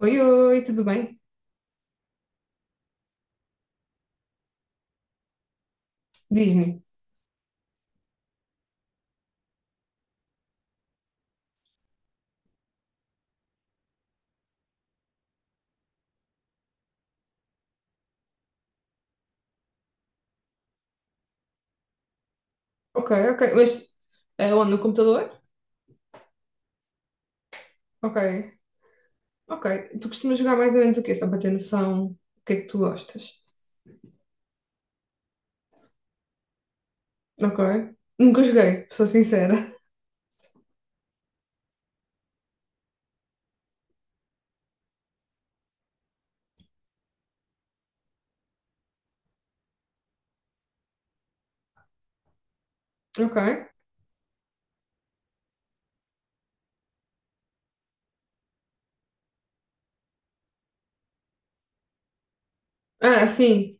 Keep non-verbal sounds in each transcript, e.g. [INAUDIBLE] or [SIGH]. Oi, oi, tudo bem? Diz-me. Ok, ok, mas é onde? No computador? Ok, ok. Tu costumas jogar mais ou menos o quê? Só para ter noção do que é que tu gostas. Ok. Nunca joguei, sou sincera. Ok. Ah, sim.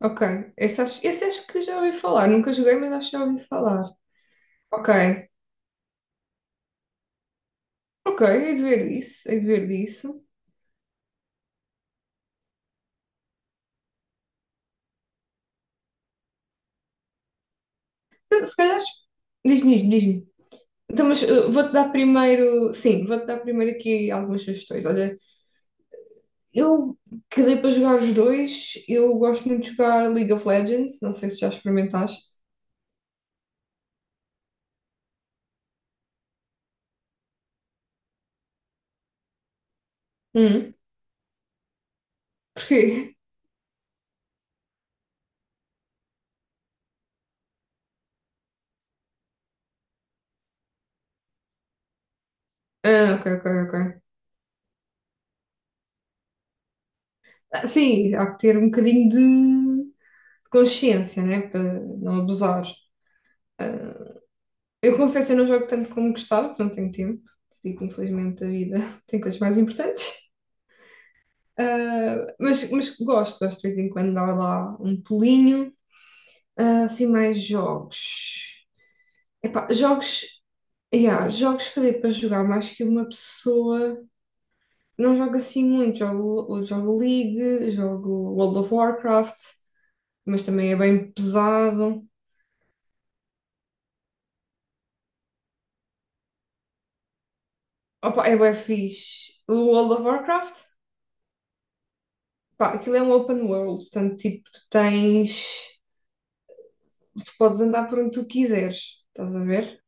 Ok. Esse acho que já ouvi falar. Nunca joguei, mas acho que já ouvi falar. Ok. Ok, hei de ver isso, hei de ver disso. Se calhar, diz-me, diz-me, diz-me. Então, mas vou-te dar primeiro, sim, vou-te dar primeiro aqui algumas sugestões. Olha, eu que para jogar os dois, eu gosto muito de jogar League of Legends, não sei se já experimentaste. Hum. Porquê? Ah, ok, ok, ok. Ah, sim, há que ter um bocadinho de consciência, né? Para não abusar. Ah, eu confesso, eu não jogo tanto como gostava, porque não tenho tempo. Digo, infelizmente, a vida [LAUGHS] tem coisas mais importantes. Ah, mas gosto de vez em quando dar lá um pulinho. Ah, assim, mais jogos. Epá, jogos. Yeah, jogos que dê para jogar mais que uma pessoa. Não jogo assim muito. Jogo League, jogo World of Warcraft, mas também é bem pesado. Opa, é bem fixe. O World of Warcraft, pá, aquilo é um open world, portanto, tipo, tu tens. Tu podes andar por onde tu quiseres, estás a ver?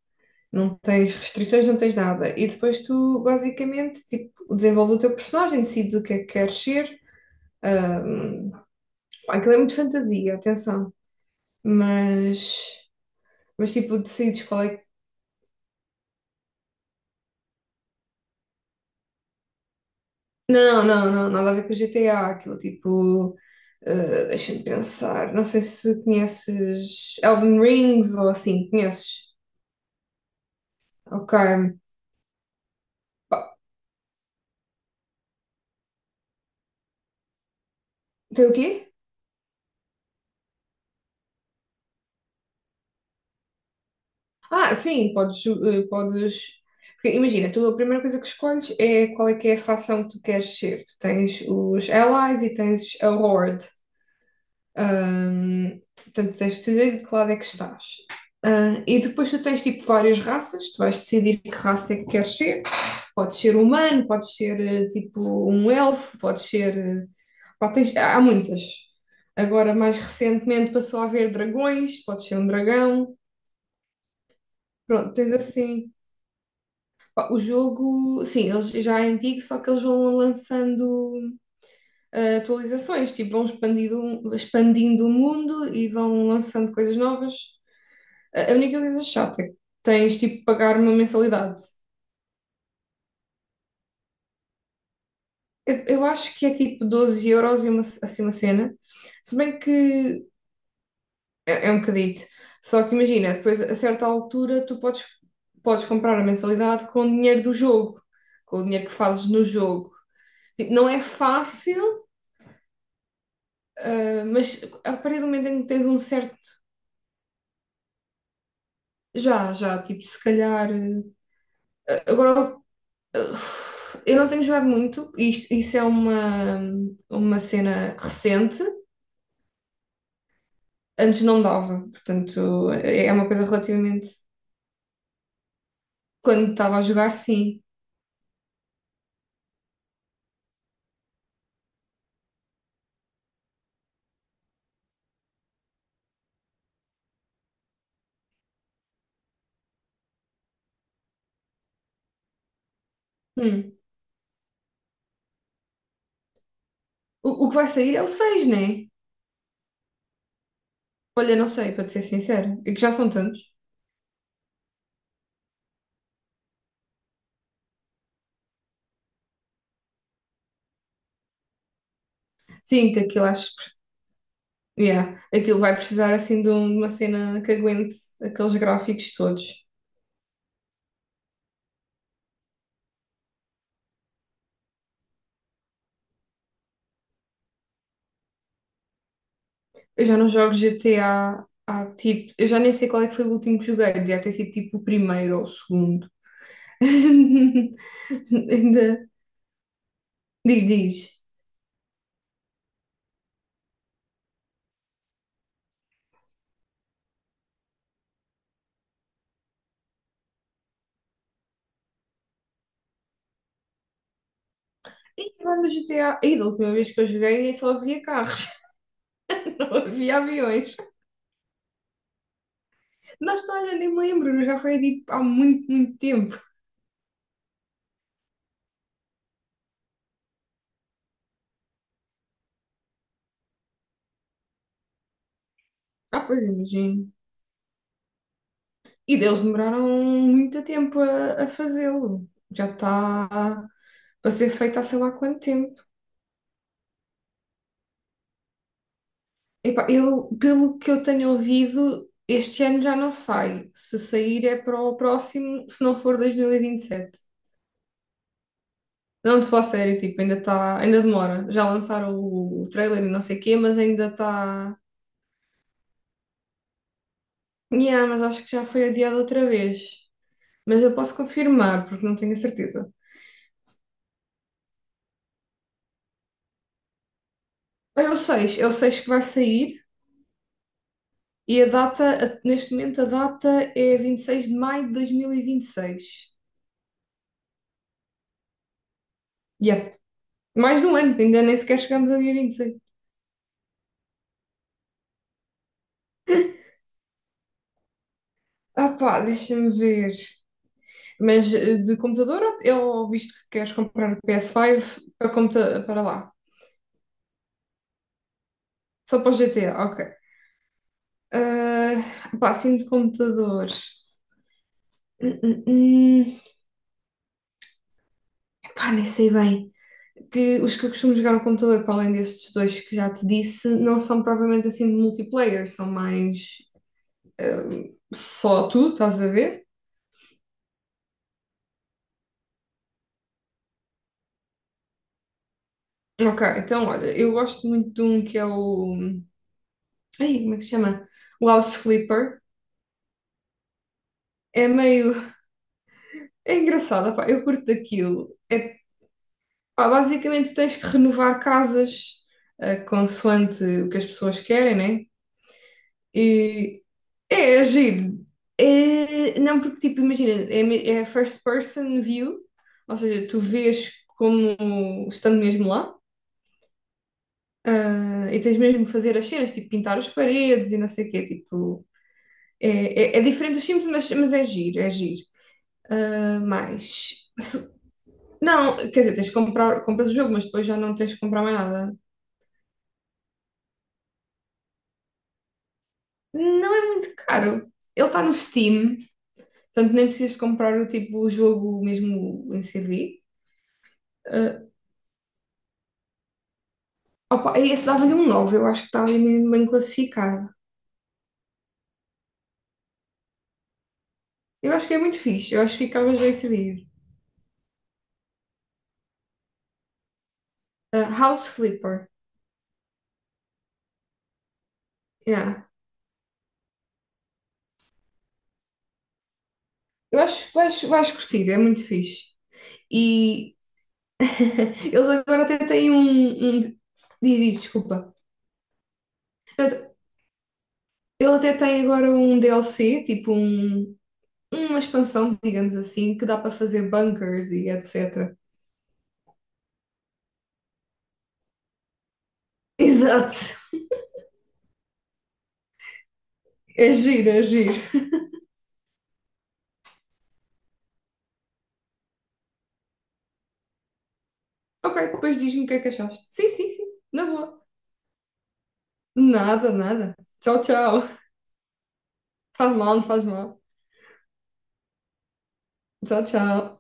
Não tens restrições, não tens nada. E depois tu, basicamente, tipo, desenvolves o teu personagem, decides o que é que queres ser. Ah, pá, aquilo é muito fantasia, atenção. mas, mas tipo, decides qual é que. Não, não, não, nada a ver com o GTA, aquilo tipo. Deixa-me pensar, não sei se conheces Elden Rings ou assim, conheces? Ok. Pá, tem o quê? Ah, sim, podes. Porque imagina, tu a primeira coisa que escolhes é qual é que é a facção que tu queres ser. Tu tens os Allies e tens a Horde. Portanto, tens de decidir de que lado é que estás. Ah, e depois tu tens tipo várias raças, tu vais decidir que raça é que queres ser. Podes ser humano, podes ser tipo um elfo, podes ser. Pá, há muitas. Agora, mais recentemente, passou a haver dragões, podes ser um dragão. Pronto, tens assim. Pá, o jogo, sim, eles já é antigo, só que eles vão lançando atualizações, tipo, vão expandindo o mundo e vão lançando coisas novas. A única coisa chata é que tens tipo de pagar uma mensalidade. Eu acho que é tipo 12 euros e uma, assim, uma cena. Se bem que é um bocadito. Só que imagina, depois a certa altura tu podes comprar a mensalidade com o dinheiro do jogo, com o dinheiro que fazes no jogo. Tipo, não é fácil, mas a partir do momento em que tens um certo. Já, já, tipo, se calhar. Agora eu não tenho jogado muito, isso é uma cena recente. Antes não dava, portanto, é uma coisa relativamente. Quando estava a jogar, sim. Hum. O que vai sair é o 6, né? Olha, não sei, para te ser sincera, é que já são tantos. Sim, que aquilo acho. Yeah, aquilo vai precisar assim de uma cena que aguente aqueles gráficos todos. Eu já não jogo GTA há tipo. Eu já nem sei qual é que foi o último que joguei, devia ter sido tipo o primeiro ou o segundo. [LAUGHS] Ainda. Diz, diz. E agora no G T A. E da última vez que eu joguei só havia carros, [LAUGHS] não havia aviões. Na história nem me lembro, já foi tipo há muito, muito tempo. Ah, pois imagino. E deles demoraram muito tempo a fazê-lo. Já está para ser feito há sei lá quanto tempo. Epá, eu, pelo que eu tenho ouvido, este ano já não sai. Se sair é para o próximo, se não for 2027. Não, de falar sério, tipo, ainda está, ainda demora. Já lançaram o trailer e não sei o quê, mas ainda está. Yeah, mas acho que já foi adiado outra vez. Mas eu posso confirmar, porque não tenho a certeza. Ah, é o 6 que vai sair e a data, neste momento a data é 26 de maio de 2026. Yeah. Mais de um ano, ainda nem sequer chegamos ao dia 26. Ah pá, deixa-me ver. Mas de computador ou eu visto que queres comprar o PS5 para, computa para lá? Só para o GTA, ok. Ah, pá, assim de computador. Hum, hum, hum. Pá, nem sei bem. Que os que eu costumo jogar no computador, para além destes dois que já te disse, não são propriamente assim de multiplayer, são mais só tu, estás a ver? Ok, então olha, eu gosto muito de um que é o. Ai, como é que se chama? O House Flipper. É meio. É engraçado, pá, eu curto daquilo. É, pá, basicamente tens que renovar casas, consoante o que as pessoas querem, né? E é giro. É, não, porque, tipo, imagina, é first person view, ou seja, tu vês como estando mesmo lá, e tens mesmo que fazer as cenas, tipo, pintar as paredes e não sei o quê, tipo, é, é diferente dos Sims, mas, é giro, é giro. Ah, mas, não, quer dizer, tens que comprar, compras o jogo, mas depois já não tens que comprar mais nada. Não é muito caro. Ele está no Steam, portanto nem precisas de comprar o tipo, o jogo mesmo em CD. Ah, opa, esse dava-lhe um 9, eu acho que está ali mesmo bem classificado. Eu acho que é muito fixe, eu acho que ficavas bem servido. Ah, House Flipper, yeah. Eu acho que vais curtir, é muito fixe. E eles agora até têm um. Diz isto, desculpa. Eu- Ele até tem agora um DLC, tipo uma expansão, digamos assim, que dá para fazer bunkers e etc. [LAUGHS] Exato. É giro, é giro. Ok, depois diz-me o que é que achaste. Sim, sim, sim. Na boa. Nada, nada. Tchau, tchau. Faz mal, não faz mal. Tchau, tchau.